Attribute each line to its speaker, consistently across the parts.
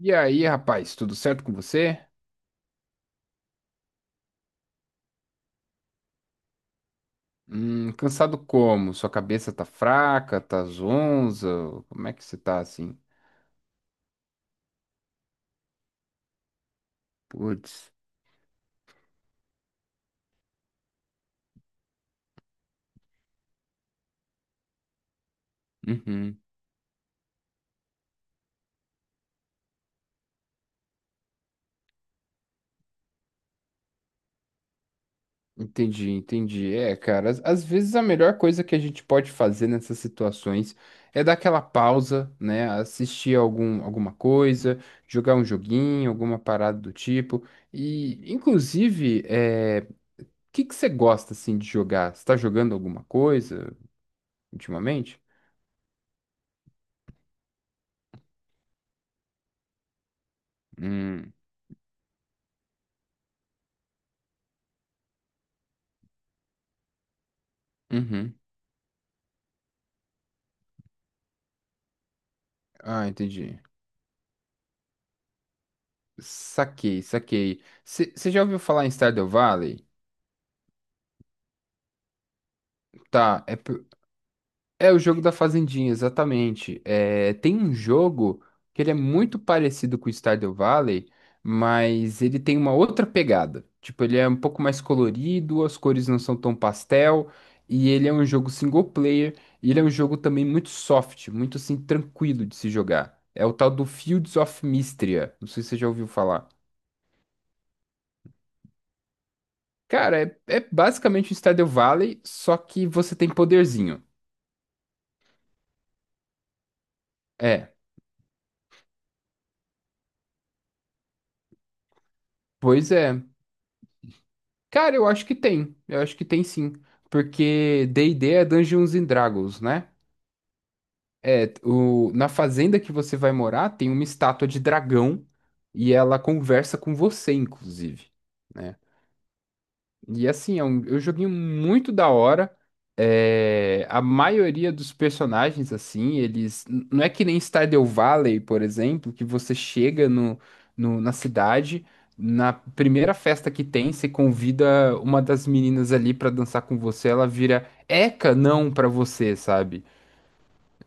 Speaker 1: E aí, rapaz, tudo certo com você? Cansado como? Sua cabeça tá fraca, tá zonza? Como é que você tá assim? Putz. Uhum. Entendi, entendi. É, cara, às vezes a melhor coisa que a gente pode fazer nessas situações é dar aquela pausa, né? Assistir alguma coisa, jogar um joguinho, alguma parada do tipo. E, inclusive, o que que você gosta assim de jogar? Você tá jogando alguma coisa ultimamente? Hum. Uhum. Ah, entendi. Saquei, saquei. Você já ouviu falar em Stardew Valley? Tá, é o jogo da fazendinha, exatamente. É, tem um jogo que ele é muito parecido com o Stardew Valley, mas ele tem uma outra pegada. Tipo, ele é um pouco mais colorido, as cores não são tão pastel, e ele é um jogo single player, e ele é um jogo também muito soft, muito assim, tranquilo de se jogar. É o tal do Fields of Mistria. Não sei se você já ouviu falar. Cara, é basicamente um Stardew Valley, só que você tem poderzinho. É, pois é. Cara, eu acho que tem. Eu acho que tem sim. Porque D&D é Dungeons and Dragons, né? É, na fazenda que você vai morar tem uma estátua de dragão e ela conversa com você, inclusive. Né? E assim, é um joguinho muito da hora. É, a maioria dos personagens, assim, eles. Não é que nem Stardew Valley, por exemplo, que você chega na cidade, na primeira festa que tem, você convida uma das meninas ali pra dançar com você, ela vira Eca, não pra você, sabe?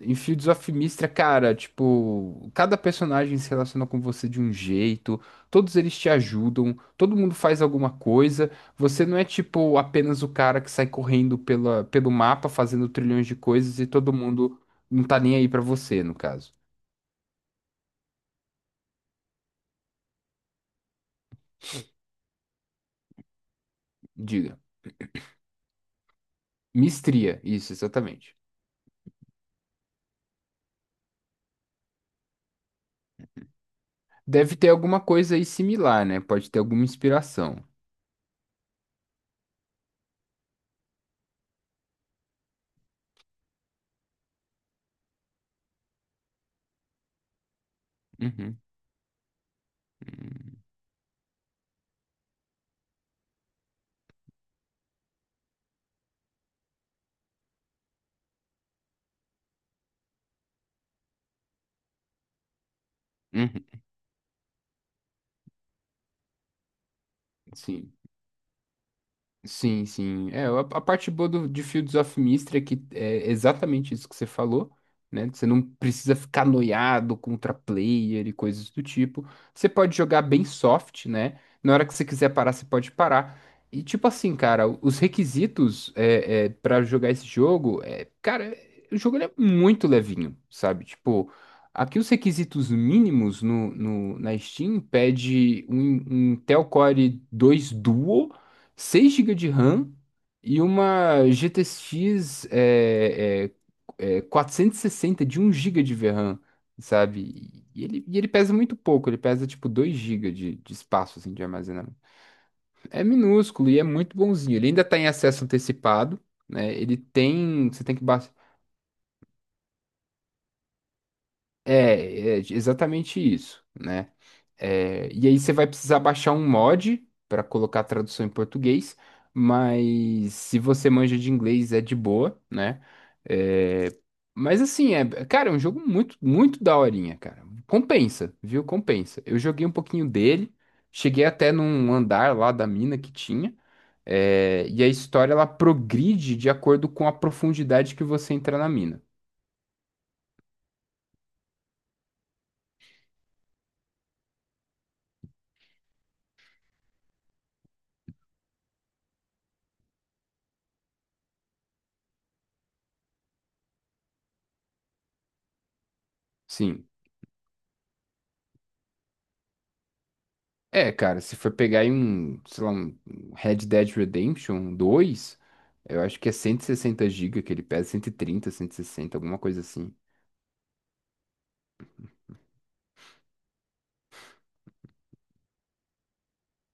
Speaker 1: Em Fields of Mistria, cara, tipo, cada personagem se relaciona com você de um jeito, todos eles te ajudam, todo mundo faz alguma coisa, você não é tipo apenas o cara que sai correndo pelo mapa fazendo trilhões de coisas e todo mundo não tá nem aí pra você, no caso. Diga. Mistria, isso, exatamente. Deve ter alguma coisa aí similar, né? Pode ter alguma inspiração. Uhum, uhum, sim. Sim, sim. É, a parte boa de Fields of Mystery é que é exatamente isso que você falou, né? Você não precisa ficar noiado contra player e coisas do tipo. Você pode jogar bem soft, né? Na hora que você quiser parar, você pode parar. E tipo assim, cara, os requisitos para jogar esse jogo, cara, o jogo ele é muito levinho, sabe? Tipo, aqui os requisitos mínimos no, no, na Steam pede um Intel Core 2 Duo 6 gigas de RAM e uma GTX 460 de um GB de VRAM, sabe? E ele pesa muito pouco, ele pesa tipo 2 gigas de espaço assim, de armazenamento. É minúsculo e é muito bonzinho. Ele ainda está em acesso antecipado, né? Ele tem. Você tem que. É exatamente isso, né? É, e aí você vai precisar baixar um mod para colocar a tradução em português, mas se você manja de inglês é de boa, né? É, mas assim, é, cara, é um jogo muito, muito daorinha, cara. Compensa, viu? Compensa. Eu joguei um pouquinho dele, cheguei até num andar lá da mina que tinha, e a história ela progride de acordo com a profundidade que você entra na mina. Sim. É, cara, se for pegar aí sei lá, um Red Dead Redemption 2, eu acho que é 160 gigas que ele pesa, 130, 160, alguma coisa assim.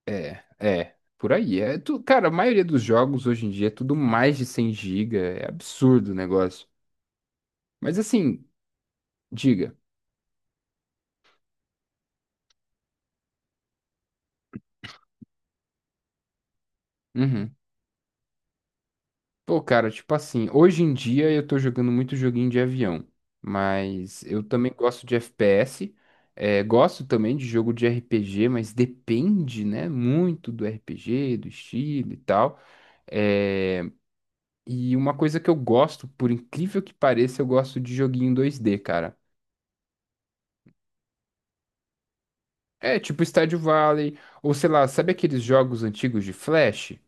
Speaker 1: É, por aí. É tu, cara, a maioria dos jogos hoje em dia é tudo mais de 100 gigas. É absurdo o negócio. Mas assim, diga. Uhum. Pô, cara, tipo assim, hoje em dia eu tô jogando muito joguinho de avião, mas eu também gosto de FPS, gosto também de jogo de RPG, mas depende, né, muito do RPG, do estilo e tal. Eh, e uma coisa que eu gosto, por incrível que pareça, eu gosto de joguinho 2D, cara. É, tipo Stardew Valley, ou sei lá, sabe aqueles jogos antigos de Flash?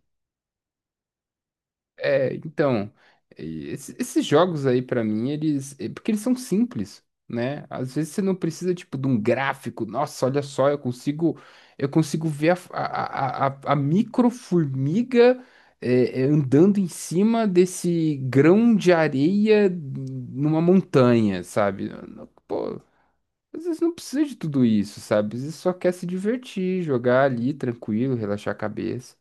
Speaker 1: É, então, esses jogos aí pra mim, eles, é porque eles são simples, né? Às vezes você não precisa tipo de um gráfico. Nossa, olha só, eu consigo ver a micro formiga andando em cima desse grão de areia numa montanha, sabe? Pô, às vezes não precisa de tudo isso, sabe? Às vezes só quer se divertir, jogar ali tranquilo, relaxar a cabeça.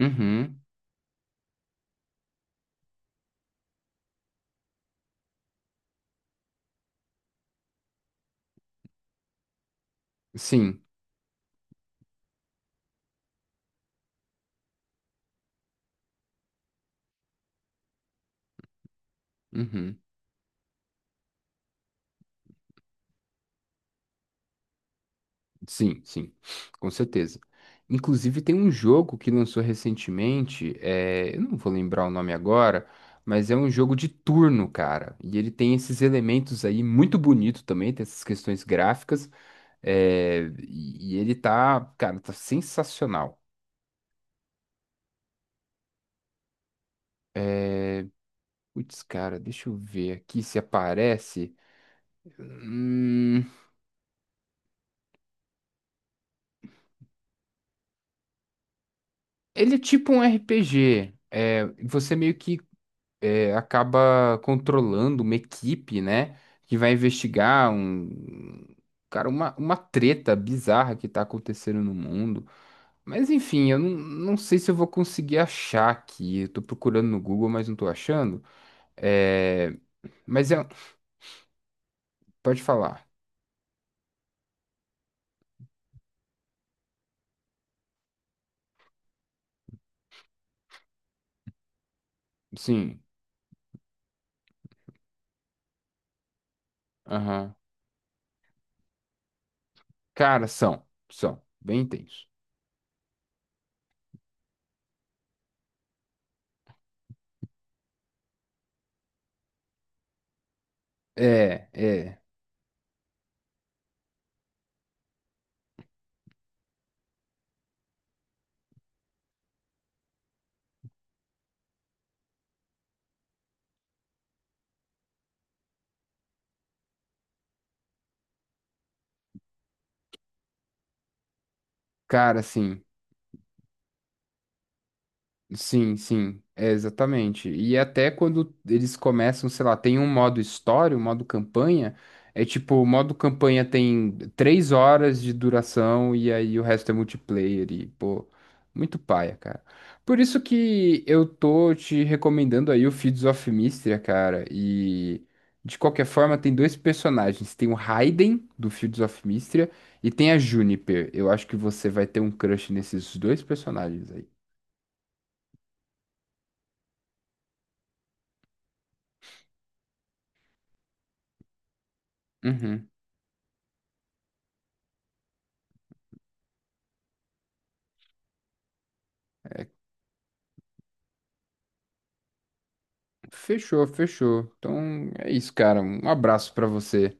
Speaker 1: Uhum, sim. Uhum. Sim, sim, com certeza. Inclusive, tem um jogo que lançou recentemente, eu não vou lembrar o nome agora, mas é um jogo de turno, cara. E ele tem esses elementos aí muito bonito também, tem essas questões gráficas, e ele tá, cara, tá sensacional. Putz, cara, deixa eu ver aqui se aparece. Hum, Ele é tipo um RPG. É, você meio que acaba controlando uma equipe, né? Que vai investigar um. Cara, uma treta bizarra que tá acontecendo no mundo. Mas enfim, eu não sei se eu vou conseguir achar aqui. Eu tô procurando no Google, mas não tô achando. É, mas é. Pode falar. Sim. Aham. Cara, são. São. Bem intenso. É, é. Cara, sim. Sim, sim, é exatamente. E até quando eles começam, sei lá, tem um modo história, um modo campanha, é tipo, o modo campanha tem 3 horas de duração e aí o resto é multiplayer e, pô, muito paia, cara. Por isso que eu tô te recomendando aí o Fields of Mistria, cara, e de qualquer forma tem dois personagens, tem o Raiden, do Fields of Mistria, e tem a Juniper. Eu acho que você vai ter um crush nesses dois personagens aí. Uhum. Fechou, fechou. Então é isso, cara. Um abraço pra você.